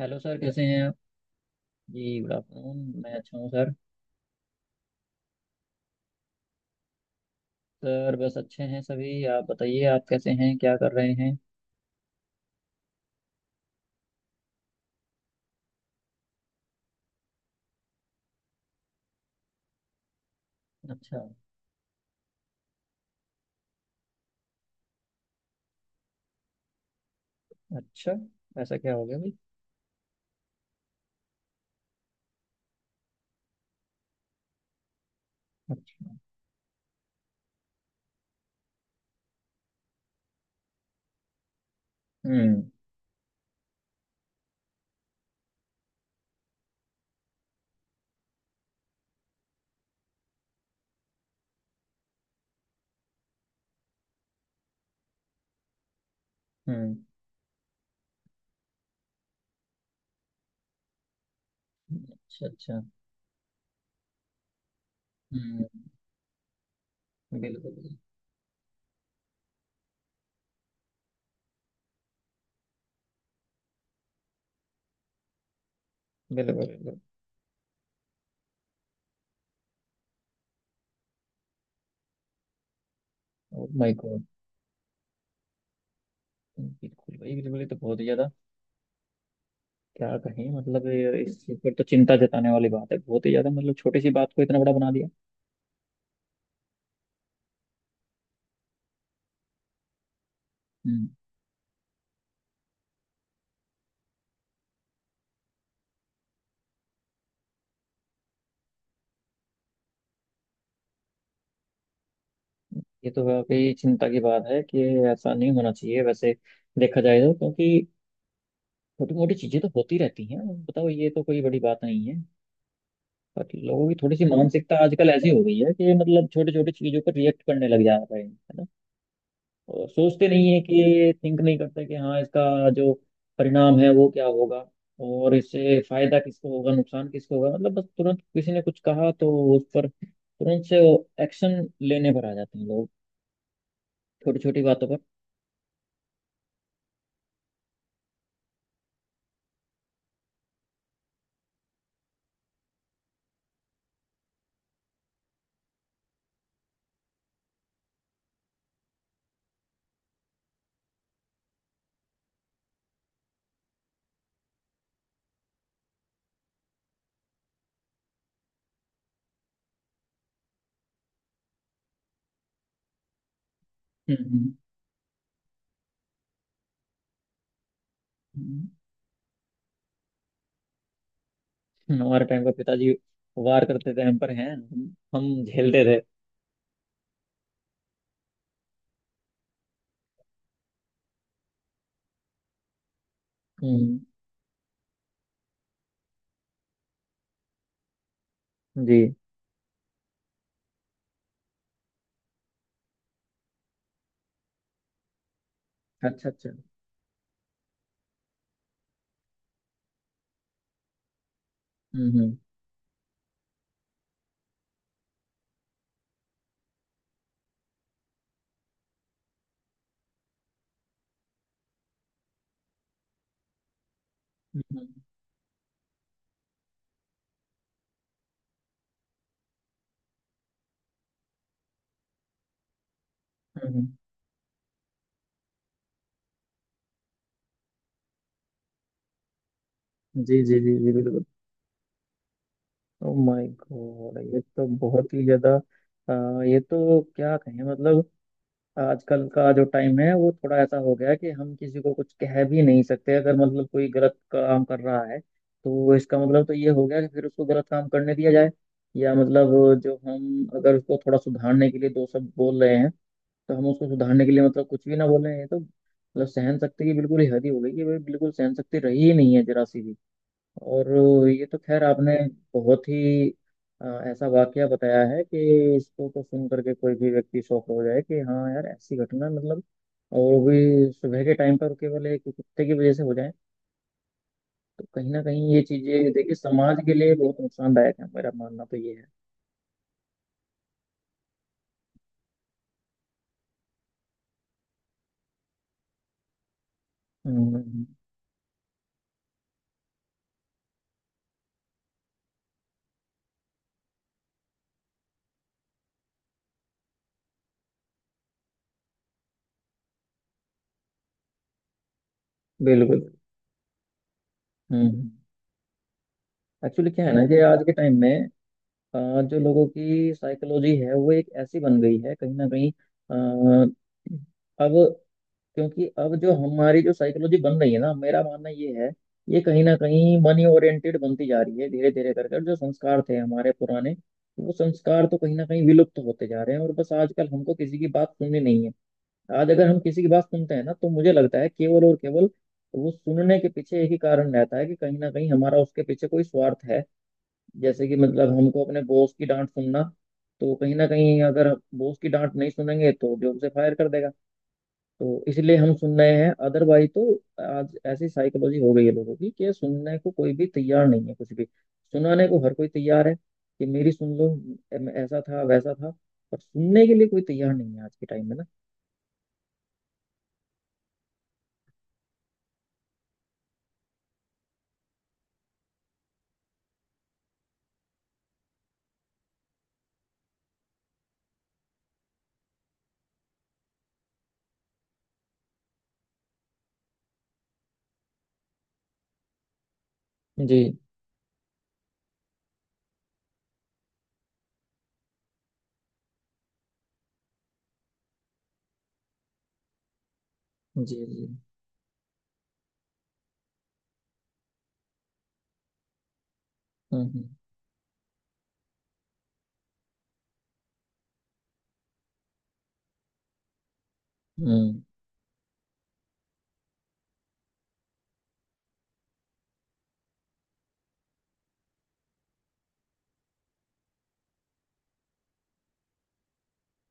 Hello sir कैसे हैं आप। जी गुड आफ्टरनून। मैं अच्छा हूँ सर। सर बस अच्छे हैं सभी। आप बताइए आप कैसे हैं, क्या कर रहे हैं। अच्छा। अच्छा। ऐसा क्या हो गया भाई। अच्छा। हम्म। हम्म। अच्छा। अच्छा। हम्म। बिल्कुल। बिल्कुल। बिल्कुल। Oh my god. बिल्कुल भाई, बिल्कुल, ये तो बहुत ही ज़्यादा। क्या कहें मतलब इस चीज़ पर तो चिंता जताने वाली बात है, बहुत ही ज़्यादा। मतलब छोटी सी बात को इतना बड़ा बना दिया। हम्म। ये तो वाकई चिंता की बात है कि ऐसा नहीं होना चाहिए। वैसे देखा जाए तो क्योंकि छोटी मोटी चीजें तो होती रहती हैं। बताओ, ये तो कोई बड़ी बात नहीं है। पर लोगों की थोड़ी सी मानसिकता आजकल ऐसी हो गई है कि मतलब छोटी छोटी चीजों पर रिएक्ट करने लग जा रहे हैं, है ना। और सोचते नहीं है कि थिंक नहीं करते कि हाँ इसका जो परिणाम है वो क्या होगा। और इससे फायदा किसको होगा, नुकसान किसको होगा, मतलब बस तुरंत किसी ने कुछ कहा तो उस पर तुरंत से वो एक्शन लेने पर आ जाते हैं लोग, छोटी छोटी बातों पर। हम्म। हम्म। हमारे टाइम पर पिताजी वार करते थे हम पर। हैं हम झेलते थे। हम्म। जी। अच्छा अच्छा। हम्म। हम्म। हम्म। हम्म। हम्म। जी जी जी जी, बिल्कुल। ओ माय गॉड, ये तो बहुत ही ज्यादा। ये तो क्या कहें, मतलब आजकल का जो टाइम है वो थोड़ा ऐसा हो गया है कि हम किसी को कुछ कह भी नहीं सकते। अगर मतलब कोई गलत काम कर रहा है तो इसका मतलब तो ये हो गया कि फिर उसको गलत काम करने दिया जाए, या मतलब जो हम अगर उसको थोड़ा सुधारने के लिए दो शब्द बोल रहे हैं तो हम उसको सुधारने के लिए मतलब कुछ भी ना बोले। ये तो मतलब सहन शक्ति की बिल्कुल ही हद ही हो गई कि भाई बिल्कुल सहन शक्ति रही ही नहीं है, जरा सी भी। और ये तो खैर आपने बहुत ही अ, ऐसा वाकया बताया है कि इसको तो सुन करके कोई भी व्यक्ति शॉक हो जाए कि हाँ यार ऐसी घटना, मतलब। और वो भी सुबह के टाइम पर, केवल एक कुत्ते की वजह से हो जाए, तो कहीं ना कहीं ये चीजें देखिए समाज के लिए बहुत नुकसानदायक है। मेरा मानना तो ये है। हम्म। बिल्कुल। हम्म। एक्चुअली क्या है ना कि आज के टाइम में जो लोगों की साइकोलॉजी है वो एक ऐसी बन गई है कहीं ना कहीं। अ, अब क्योंकि अब जो हमारी जो साइकोलॉजी बन रही है ना, मेरा मानना ये है। ये कहीं ना कहीं मनी ओरिएंटेड बनती जा रही है धीरे धीरे करके, और जो संस्कार थे हमारे पुराने, वो संस्कार तो कहीं ना कहीं विलुप्त होते जा रहे हैं। और बस आजकल हमको किसी की बात सुननी नहीं है। आज अगर हम किसी की बात सुनते हैं ना, तो मुझे लगता है केवल और केवल वो सुनने के पीछे एक ही कारण रहता है कि कहीं ना कहीं हमारा उसके पीछे कोई स्वार्थ है। जैसे कि मतलब हमको अपने बॉस की डांट सुनना, तो कहीं ना कहीं अगर बॉस की डांट नहीं सुनेंगे तो जॉब से फायर कर देगा, तो इसलिए हम सुन रहे हैं। अदरवाइज तो आज ऐसी साइकोलॉजी हो गई है लोगों की कि सुनने को कोई भी तैयार नहीं है, कुछ भी। सुनाने को हर कोई तैयार है कि मेरी सुन लो, ऐसा था वैसा था। पर सुनने के लिए कोई तैयार नहीं है आज के टाइम में ना। जी जी जी। हम्म। हम्म। हम्म।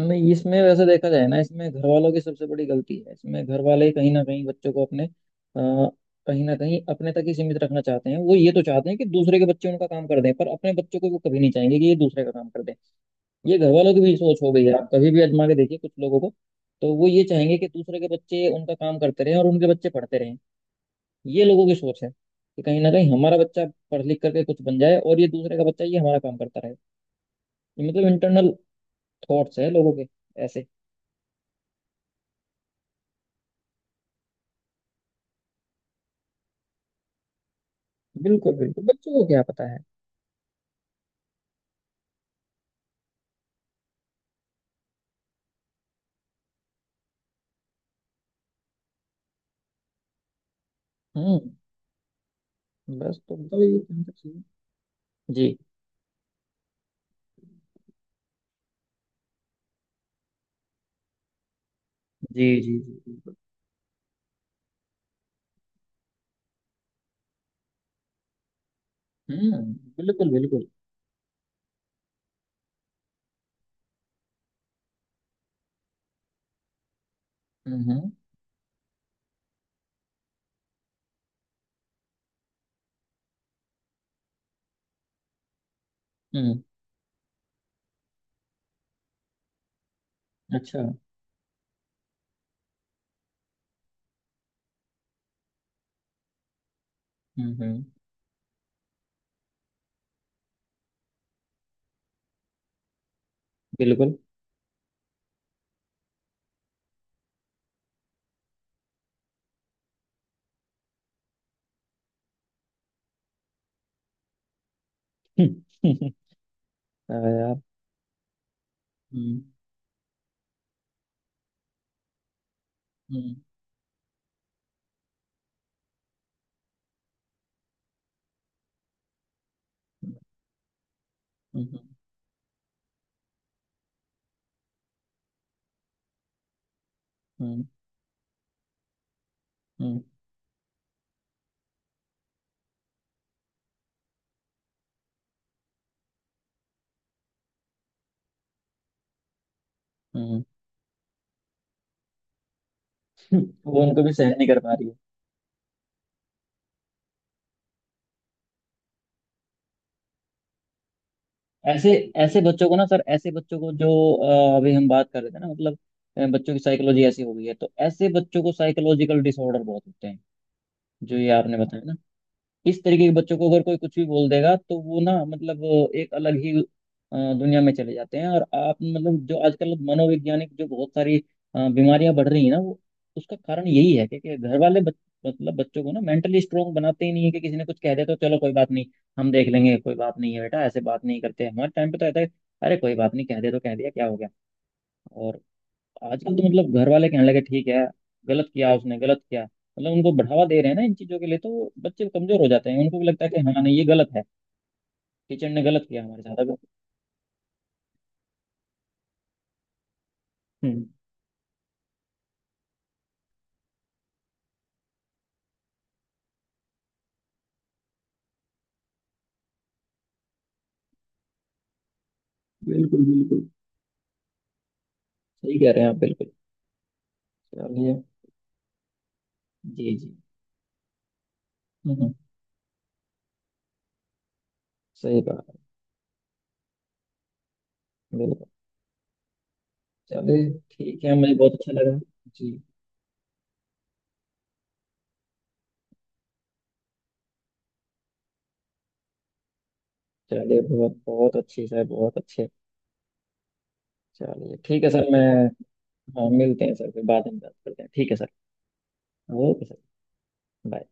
नहीं, इसमें वैसे देखा जाए ना, इसमें घर वालों की सबसे बड़ी गलती है। इसमें घर वाले कहीं ना कहीं बच्चों को अपने कहीं ना कहीं अपने तक ही सीमित रखना चाहते हैं। वो ये तो चाहते हैं कि दूसरे के बच्चे उनका काम कर दें पर अपने बच्चों को वो कभी नहीं चाहेंगे कि ये दूसरे का काम कर दें। ये घर वालों की भी सोच हो गई है। आप कभी भी आजमा के देखिए कुछ लोगों को, तो वो ये चाहेंगे कि दूसरे के बच्चे उनका काम करते रहें और उनके बच्चे पढ़ते रहें। ये लोगों की सोच है कि कहीं ना कहीं हमारा बच्चा पढ़ लिख करके कुछ बन जाए और ये दूसरे का बच्चा ये हमारा काम करता रहे। ये मतलब इंटरनल थॉट्स है लोगों के ऐसे। बिल्कुल बिल्कुल, बच्चों को क्या पता है। हम्म। बस तो बताओ, ये कौन सा चीज है? जी जी जी जी, बिल्कुल। हम्म। बिल्कुल बिल्कुल। हम्म। हम्म। हम्म। अच्छा। हम्म। हम्म। बिल्कुल। हम्म। हाँ यार। हम्म। हम्म। हम्म। हम्म। हम्म। हम्म। हम्म। वो उनको भी सहन नहीं कर पा रही है। ऐसे ऐसे बच्चों को ना सर, ऐसे बच्चों को जो अभी हम बात कर रहे थे ना, मतलब बच्चों की साइकोलॉजी ऐसी हो गई है, तो ऐसे बच्चों को साइकोलॉजिकल डिसऑर्डर बहुत होते हैं। जो ये आपने बताया, इस तरीके के बच्चों को अगर कोई कुछ भी बोल देगा तो वो ना मतलब एक अलग ही दुनिया में चले जाते हैं। और आप मतलब जो आजकल मनोवैज्ञानिक जो बहुत सारी बीमारियां बढ़ रही हैं ना, वो उसका कारण यही है क्योंकि घर वाले मतलब बच्चों को ना मेंटली स्ट्रोंग बनाते ही नहीं है कि किसी ने कुछ कह दे तो चलो कोई बात नहीं, हम देख लेंगे, कोई बात नहीं है बेटा, ऐसे बात नहीं करते, हमारे टाइम पे तो ऐसा है। अरे कोई बात नहीं, कह दे तो कह दिया, क्या हो गया। और आजकल तो मतलब घर वाले कहने लगे ठीक है, गलत किया, उसने गलत किया, मतलब उनको बढ़ावा दे रहे हैं ना इन चीजों के लिए, तो बच्चे कमजोर हो जाते हैं। उनको भी लगता है कि हाँ नहीं ये गलत है, टीचर ने गलत किया हमारे साथ, अगर। हम्म। बिल्कुल बिल्कुल। सही कह रहे हैं आप, बिल्कुल। चलिए। जी जी। हम्म। सही बात है। बिल्कुल। चलिए ठीक है, मुझे बहुत अच्छा लगा। जी। चलिए बहुत बहुत अच्छी सर, बहुत अच्छे। चलिए ठीक है सर, मैं। हाँ मिलते हैं सर, फिर बाद में बात करते हैं, ठीक है सर। Okay sir. बाय।